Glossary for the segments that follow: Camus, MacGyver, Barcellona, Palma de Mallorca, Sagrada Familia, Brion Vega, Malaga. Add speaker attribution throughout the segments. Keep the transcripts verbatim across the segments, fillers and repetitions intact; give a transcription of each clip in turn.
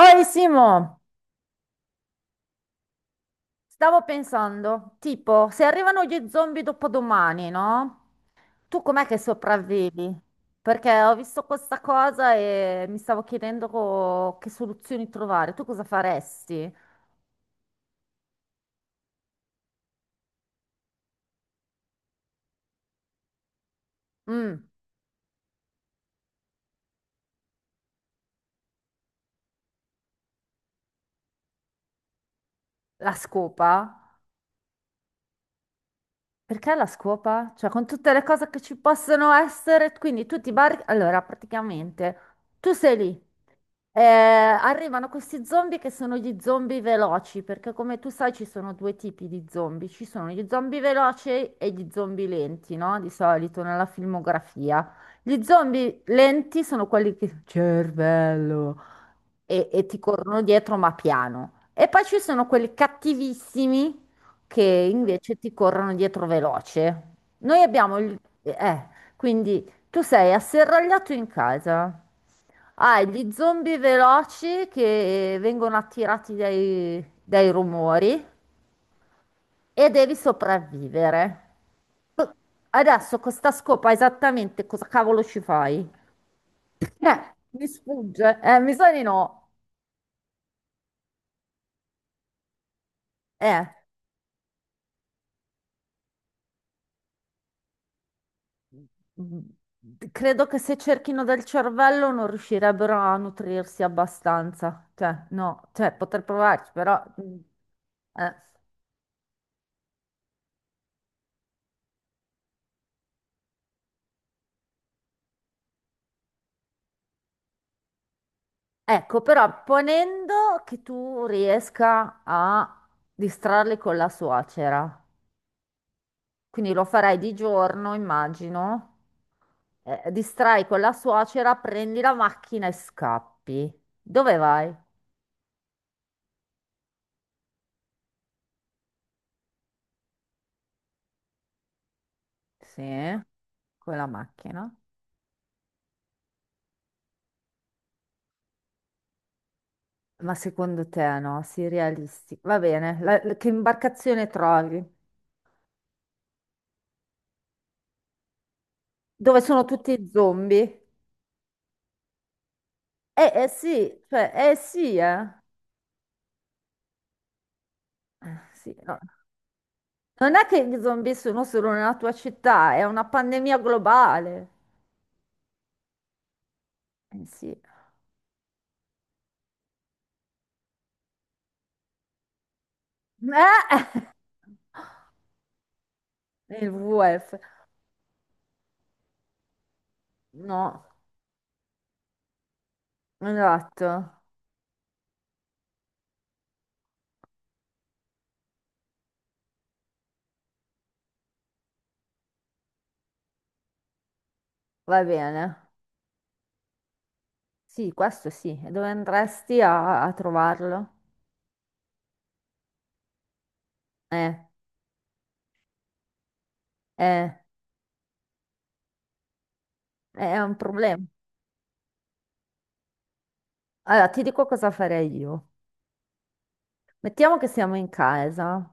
Speaker 1: Oi Simo, stavo pensando, tipo, se arrivano gli zombie dopodomani, no? Tu com'è che sopravvivi? Perché ho visto questa cosa e mi stavo chiedendo co- che soluzioni trovare. Tu cosa faresti? Mm, la scopa? Perché la scopa? Cioè, con tutte le cose che ci possono essere, quindi tu ti barricadi... Allora, praticamente, tu sei lì. Eh, arrivano questi zombie che sono gli zombie veloci, perché come tu sai ci sono due tipi di zombie, ci sono gli zombie veloci e gli zombie lenti, no? Di solito nella filmografia. Gli zombie lenti sono quelli che... Cervello! e, e ti corrono dietro ma piano. E poi ci sono quelli cattivissimi che invece ti corrono dietro veloce. Noi abbiamo il... eh, quindi tu sei asserragliato in casa, hai gli zombie veloci che vengono attirati dai, dai rumori e devi sopravvivere. Adesso con sta scopa esattamente cosa cavolo ci fai? Eh, mi sfugge. Eh, mi sa di no. Eh. Credo che se cerchino del cervello non riuscirebbero a nutrirsi abbastanza, cioè no, cioè poter provarci, però... mm, eh. Ecco, però ponendo che tu riesca a distrarli con la suocera, quindi lo farai di giorno, immagino, eh, distrai con la suocera, prendi la macchina e scappi. Dove vai? Sì, con la macchina. Ma secondo te no, sii realisti. Va bene, la- la- che imbarcazione trovi? Dove sono tutti zombie? Eh, eh sì, cioè, eh sì, eh. Eh, sì, no. Non è che gli zombie sono solo nella tua città, è una pandemia globale. Eh sì. Eh, il WWF. No, esatto, va bene. Sì, questo sì. E dove andresti a, a trovarlo? Eh, eh, eh, è un problema. Allora, ti dico cosa farei io. Mettiamo che siamo in casa.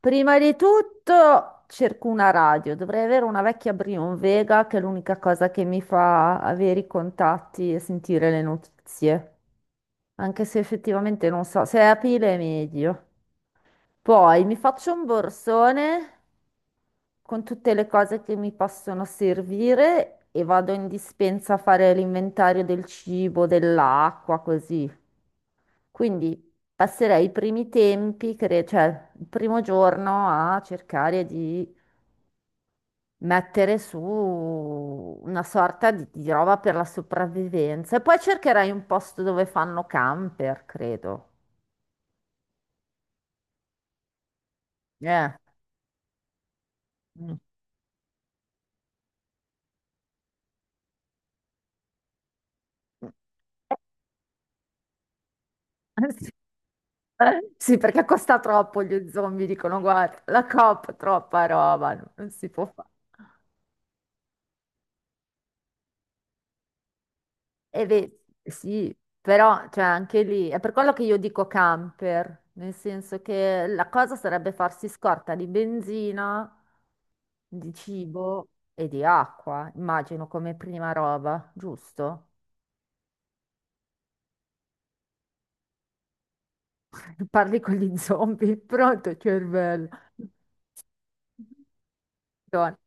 Speaker 1: Prima di tutto cerco una radio. Dovrei avere una vecchia Brion Vega, che è l'unica cosa che mi fa avere i contatti e sentire le notizie. Anche se effettivamente non so, se è a pile è meglio. Poi mi faccio un borsone con tutte le cose che mi possono servire e vado in dispensa a fare l'inventario del cibo, dell'acqua, così. Quindi passerei i primi tempi, cre- cioè il primo giorno a cercare di mettere su una sorta di, di roba per la sopravvivenza. E poi cercherai un posto dove fanno camper, credo. Eh. Mm. Sì, sì, perché costa troppo gli zombie, dicono, guarda, la COP, troppa roba, non si può fare. E beh, sì, però cioè, anche lì è per quello che io dico camper, nel senso che la cosa sarebbe farsi scorta di benzina, di cibo e di acqua, immagino come prima roba, giusto? Parli con gli zombie, pronto cervello. Madonna.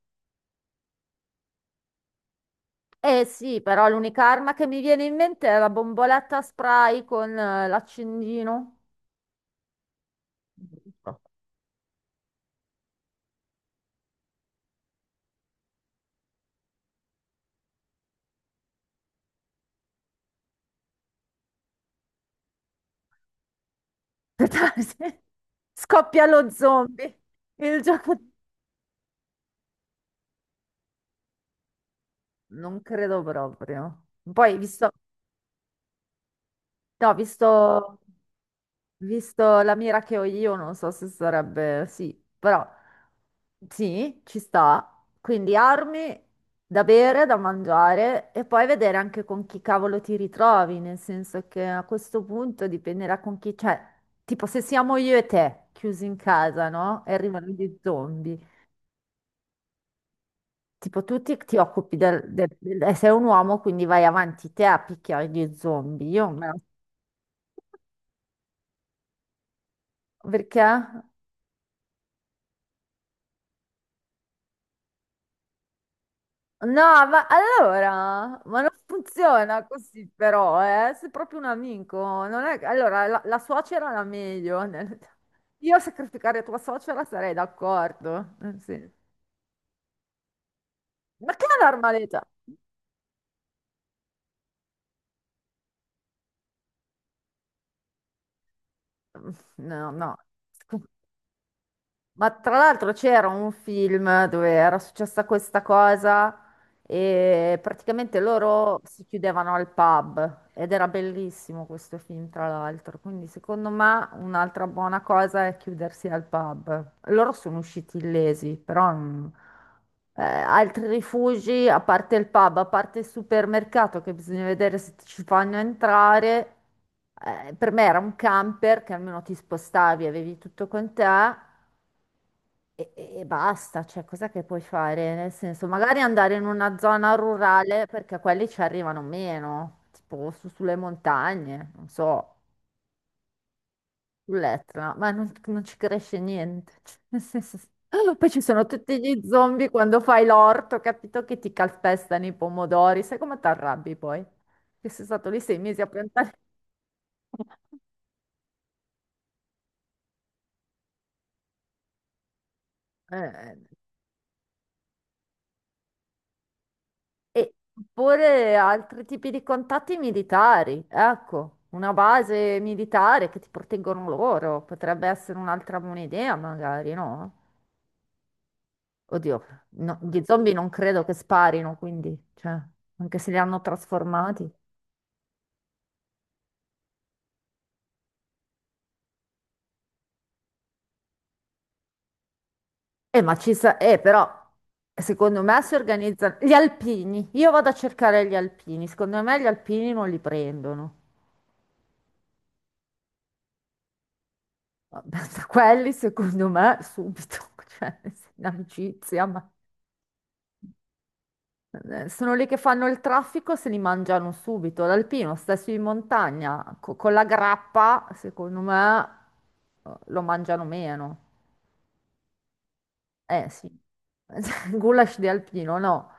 Speaker 1: Eh sì, però l'unica arma che mi viene in mente è la bomboletta a spray con eh, l'accendino. Scoppia lo zombie, il gioco non credo proprio. Poi, visto, no, visto, visto la mira che ho io, non so se sarebbe sì, però sì, ci sta. Quindi armi da bere, da mangiare e poi vedere anche con chi cavolo ti ritrovi, nel senso che a questo punto dipenderà con chi, cioè, tipo se siamo io e te chiusi in casa, no? E arrivano gli zombie. Tipo, tu ti, ti occupi del, del- del- sei un uomo, quindi vai avanti te a picchiare gli zombie. Io me la perché? No, ma allora, ma non funziona così però, eh? Sei proprio un amico, non è... Allora, la, la suocera era meglio. nel- Io a sacrificare tua suocera sarei d'accordo. Nel senso. Ma che è normalità? No, no. Ma tra l'altro c'era un film dove era successa questa cosa e praticamente loro si chiudevano al pub ed era bellissimo questo film, tra l'altro. Quindi secondo me un'altra buona cosa è chiudersi al pub. Loro sono usciti illesi, però mm, eh, altri rifugi, a parte il pub, a parte il supermercato che bisogna vedere se ci fanno entrare. Eh, per me era un camper che almeno ti spostavi, avevi tutto con te e, e- e basta, cioè cosa che puoi fare? Nel senso, magari andare in una zona rurale perché quelli ci arrivano meno, tipo su- sulle montagne, non so, sull'Etna, ma non, non ci cresce niente. Cioè, nel senso, poi ci sono tutti gli zombie quando fai l'orto, capito che ti calpestano i pomodori, sai come ti arrabbi poi? Che sei stato lì sei mesi a piantare. Eh, eh, E oppure altri tipi di contatti militari, ecco, una base militare che ti proteggono loro, potrebbe essere un'altra buona idea magari, no? Oddio, no, gli zombie non credo che sparino, quindi, cioè, anche se li hanno trasformati. Eh, ma ci sa... Eh, però, secondo me si organizzano... Gli alpini, io vado a cercare gli alpini, secondo me gli alpini non li prendono. Vabbè, quelli, secondo me, subito, cioè, in amicizia, ma eh, sono lì che fanno il traffico, se li mangiano subito. L'alpino sta su in montagna, co- con la grappa, secondo me, eh, lo mangiano meno. Eh sì, goulash di alpino, no.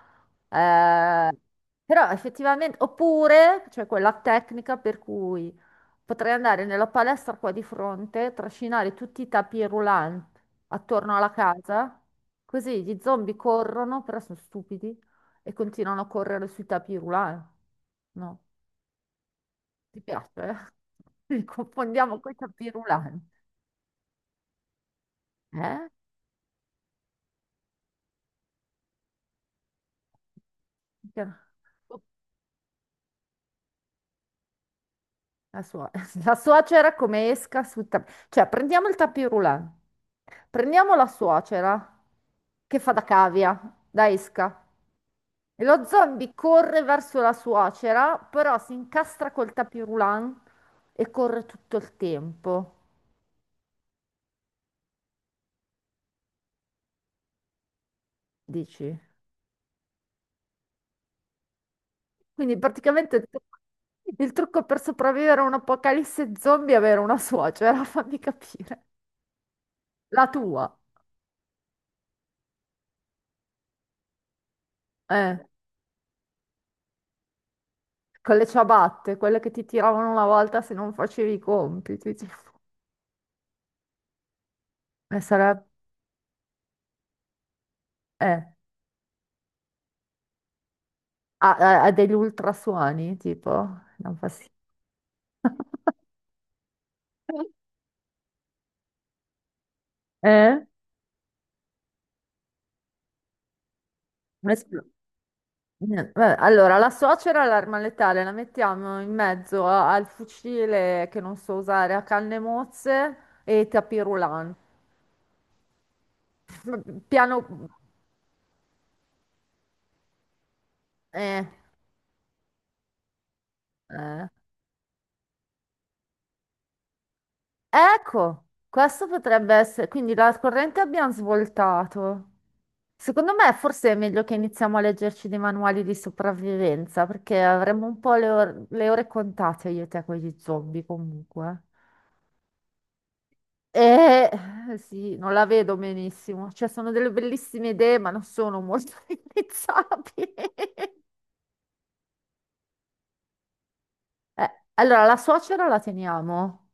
Speaker 1: Eh, però effettivamente, oppure c'è quella tecnica per cui potrei andare nella palestra qua di fronte, trascinare tutti i tapis roulant attorno alla casa, così gli zombie corrono, però sono stupidi e continuano a correre sui tapis roulant. No, ti piace? Eh? Li confondiamo con i tapis roulant. Eh? Perché- no? La, suo- la suocera come esca sul tappeto. Cioè, prendiamo il tapis roulant. Prendiamo la suocera che fa da cavia, da esca. E lo zombie corre verso la suocera, però si incastra col tapis roulant e corre tutto il tempo, dici? Quindi praticamente il trucco il trucco per sopravvivere a un apocalisse zombie è avere una suocera, fammi capire. La tua. Eh. Con le ciabatte, quelle che ti tiravano una volta se non facevi i compiti. Tipo. E sare- eh, ha, ha- ha degli ultrasuoni, tipo, non fa sì. Eh? Espl- eh, vabbè, allora, la suocera è l'arma letale, la mettiamo in mezzo a- al fucile che non so usare, a canne mozze e ai tapis roulant. M- Piano... eh, eh. Ecco, questo potrebbe essere... Quindi la corrente abbiamo svoltato. Secondo me forse è meglio che iniziamo a leggerci dei manuali di sopravvivenza, perché avremo un po' le, or- le ore contate io e te con gli zombie comunque. E eh, sì, non la vedo benissimo. Cioè, sono delle bellissime idee, ma non sono molto realizzabili. Eh, allora, la suocera la teniamo.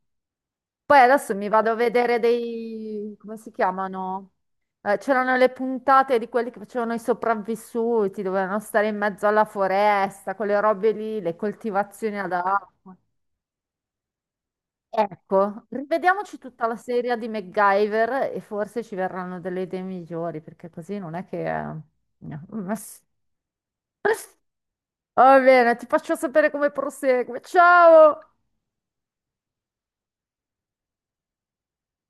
Speaker 1: Poi adesso mi vado a vedere dei... come si chiamano? Eh, c'erano le puntate di quelli che facevano i sopravvissuti, dovevano stare in mezzo alla foresta, quelle robe lì, le coltivazioni ad acqua. Ecco, rivediamoci tutta la serie di MacGyver e forse ci verranno delle idee migliori, perché così non è che... eh, no. Va bene, ti faccio sapere come prosegue. Ciao!